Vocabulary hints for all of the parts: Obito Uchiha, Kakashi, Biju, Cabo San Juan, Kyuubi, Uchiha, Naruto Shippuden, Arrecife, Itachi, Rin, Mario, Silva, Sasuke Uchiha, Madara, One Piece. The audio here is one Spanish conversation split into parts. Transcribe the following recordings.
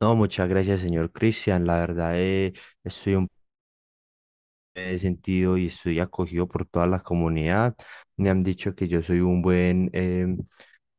No, muchas gracias, señor Cristian. La verdad, estoy un me he sentido y estoy acogido por toda la comunidad. Me han dicho que yo soy un buen, em,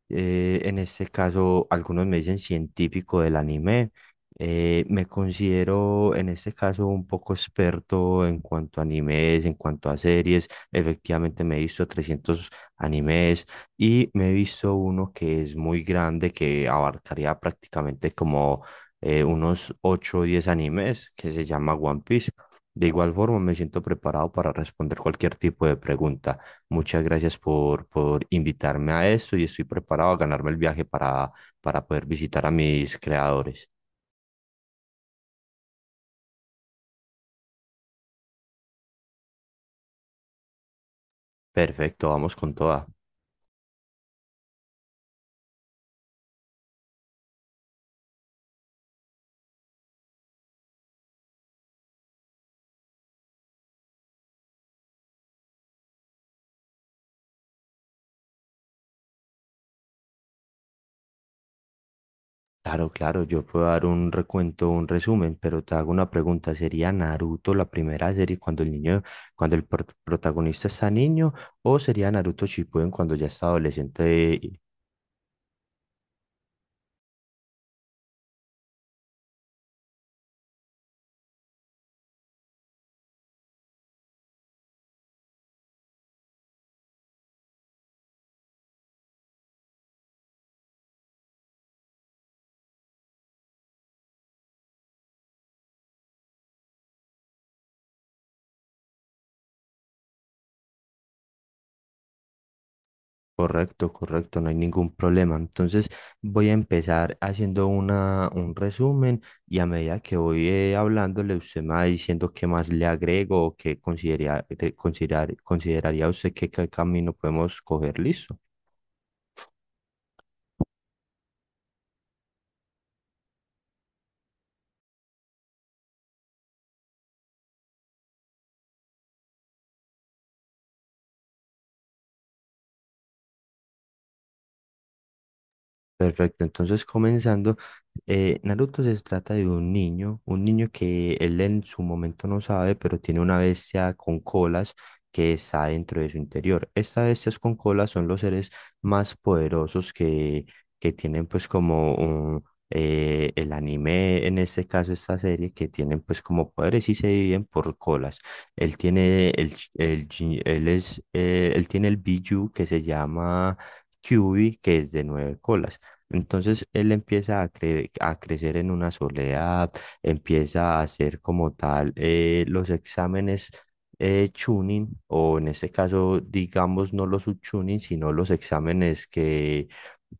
eh, en este caso, algunos me dicen científico del anime. Me considero en este caso un poco experto en cuanto a animes, en cuanto a series. Efectivamente, me he visto 300 animes y me he visto uno que es muy grande, que abarcaría prácticamente como unos 8 o 10 animes, que se llama One Piece. De igual forma, me siento preparado para responder cualquier tipo de pregunta. Muchas gracias por invitarme a esto y estoy preparado a ganarme el viaje para poder visitar a mis creadores. Perfecto, vamos con toda. Claro, claro, yo puedo dar un recuento, un resumen, pero te hago una pregunta. ¿Sería Naruto la primera serie cuando el niño, cuando el protagonista está niño, o sería Naruto Shippuden cuando ya está adolescente? Correcto, correcto, no hay ningún problema. Entonces voy a empezar haciendo un resumen y a medida que voy hablándole, usted me va diciendo qué más le agrego o qué consideraría usted que qué camino podemos coger. Listo. Perfecto, entonces comenzando, Naruto se trata de un niño que él en su momento no sabe, pero tiene una bestia con colas que está dentro de su interior. Estas bestias con colas son los seres más poderosos que tienen pues como el anime, en este caso esta serie, que tienen pues como poderes y se dividen por colas. Él tiene el Biju que se llama... Kyuubi, que es de nueve colas. Entonces él empieza a crecer en una soledad, empieza a hacer como tal los exámenes tuning, o en este caso, digamos, no los subtuning, sino los exámenes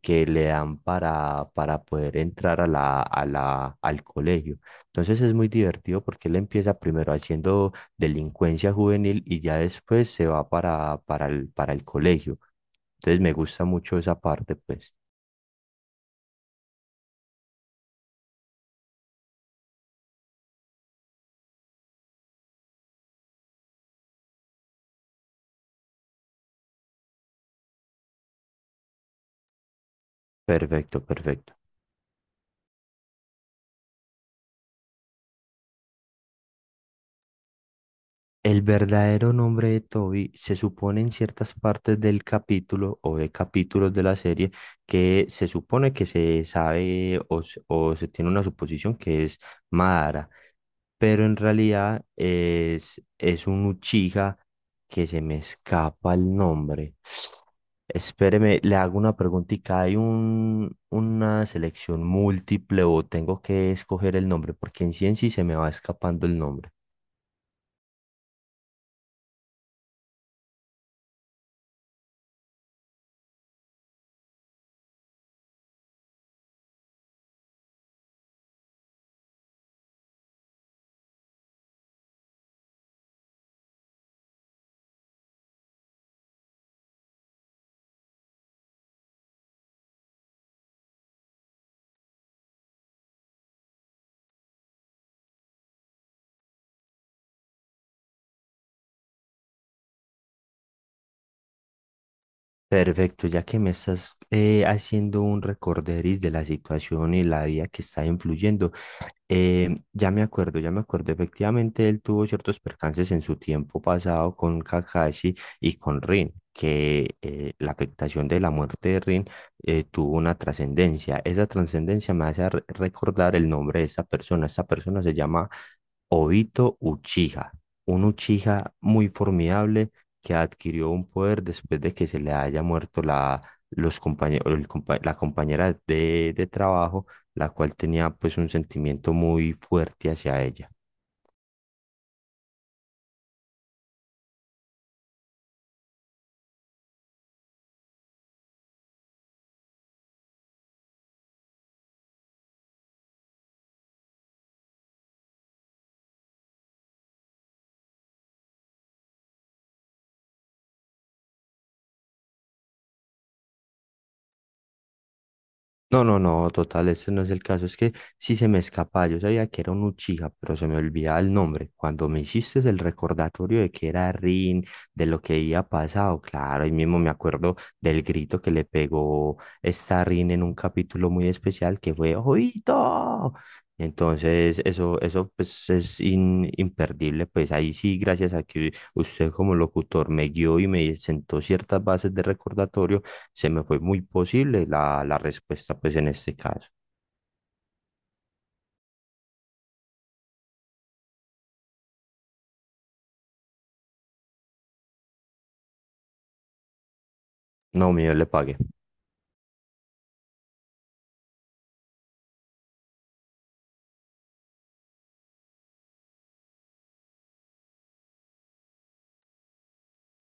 que le dan para poder entrar al colegio. Entonces es muy divertido porque él empieza primero haciendo delincuencia juvenil y ya después se va para el colegio. Entonces me gusta mucho esa parte, pues. Perfecto, perfecto. El verdadero nombre de Toby se supone en ciertas partes del capítulo o de capítulos de la serie que se supone que se sabe o se tiene una suposición que es Madara, pero en realidad es un Uchiha que se me escapa el nombre. Espéreme, le hago una preguntita. ¿Hay una selección múltiple o tengo que escoger el nombre? Porque en sí se me va escapando el nombre. Perfecto, ya que me estás haciendo un recorderis de la situación y la vida que está influyendo, ya me acuerdo, ya me acuerdo. Efectivamente, él tuvo ciertos percances en su tiempo pasado con Kakashi y con Rin, que la afectación de la muerte de Rin tuvo una trascendencia. Esa trascendencia me hace recordar el nombre de esta persona. Esta persona se llama Obito Uchiha, un Uchiha muy formidable que adquirió un poder después de que se le haya muerto la, los compañe- el compa- la compañera de trabajo, la cual tenía pues un sentimiento muy fuerte hacia ella. No, no, no, total, ese no es el caso. Es que sí se me escapa. Yo sabía que era un Uchiha, pero se me olvidaba el nombre. Cuando me hiciste el recordatorio de que era Rin, de lo que había pasado, claro, ahí mismo me acuerdo del grito que le pegó esta Rin en un capítulo muy especial que fue ¡Ojito! Entonces, eso pues es imperdible. Pues ahí sí, gracias a que usted como locutor me guió y me sentó ciertas bases de recordatorio, se me fue muy posible la respuesta, pues en este caso. No, mío, le pagué.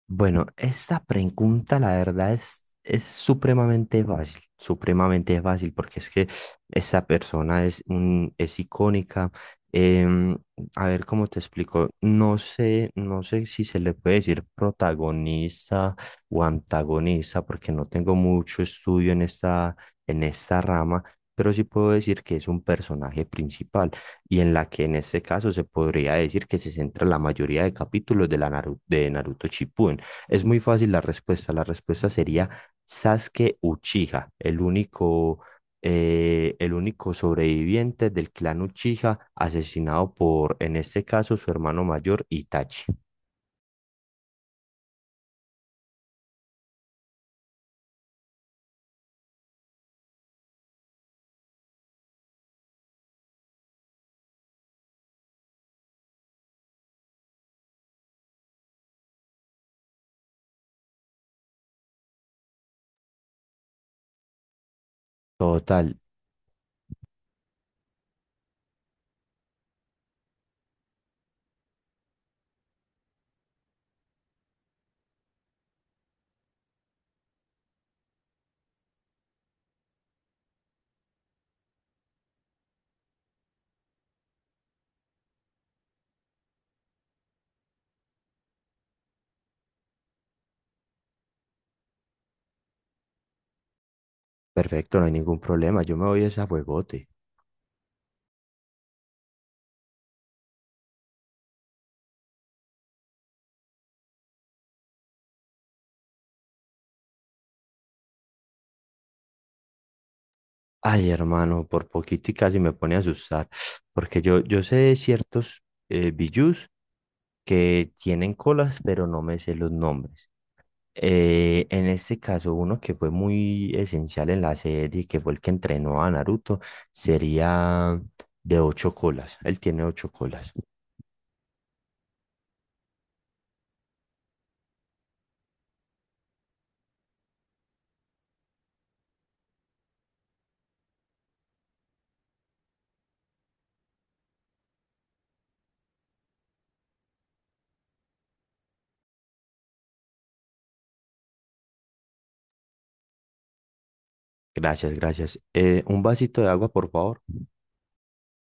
Bueno, esta pregunta la verdad es supremamente fácil, porque es que esa persona es icónica. em, a ver cómo te explico, no sé, no sé si se le puede decir protagonista o antagonista, porque no tengo mucho estudio en esta, rama, pero sí puedo decir que es un personaje principal y en la que en este caso se podría decir que se centra la mayoría de capítulos de Naruto Shippuden. Es muy fácil la respuesta. La respuesta sería Sasuke Uchiha, el único sobreviviente del clan Uchiha, asesinado por, en este caso, su hermano mayor Itachi. Total, perfecto, no hay ningún problema. Yo me voy a ese juegote. Ay, hermano, por poquito y casi me pone a asustar, porque yo sé de ciertos bijus que tienen colas, pero no me sé los nombres. En este caso, uno que fue muy esencial en la serie, que fue el que entrenó a Naruto, sería de ocho colas. Él tiene ocho colas. Gracias, gracias. Un vasito de agua, por favor.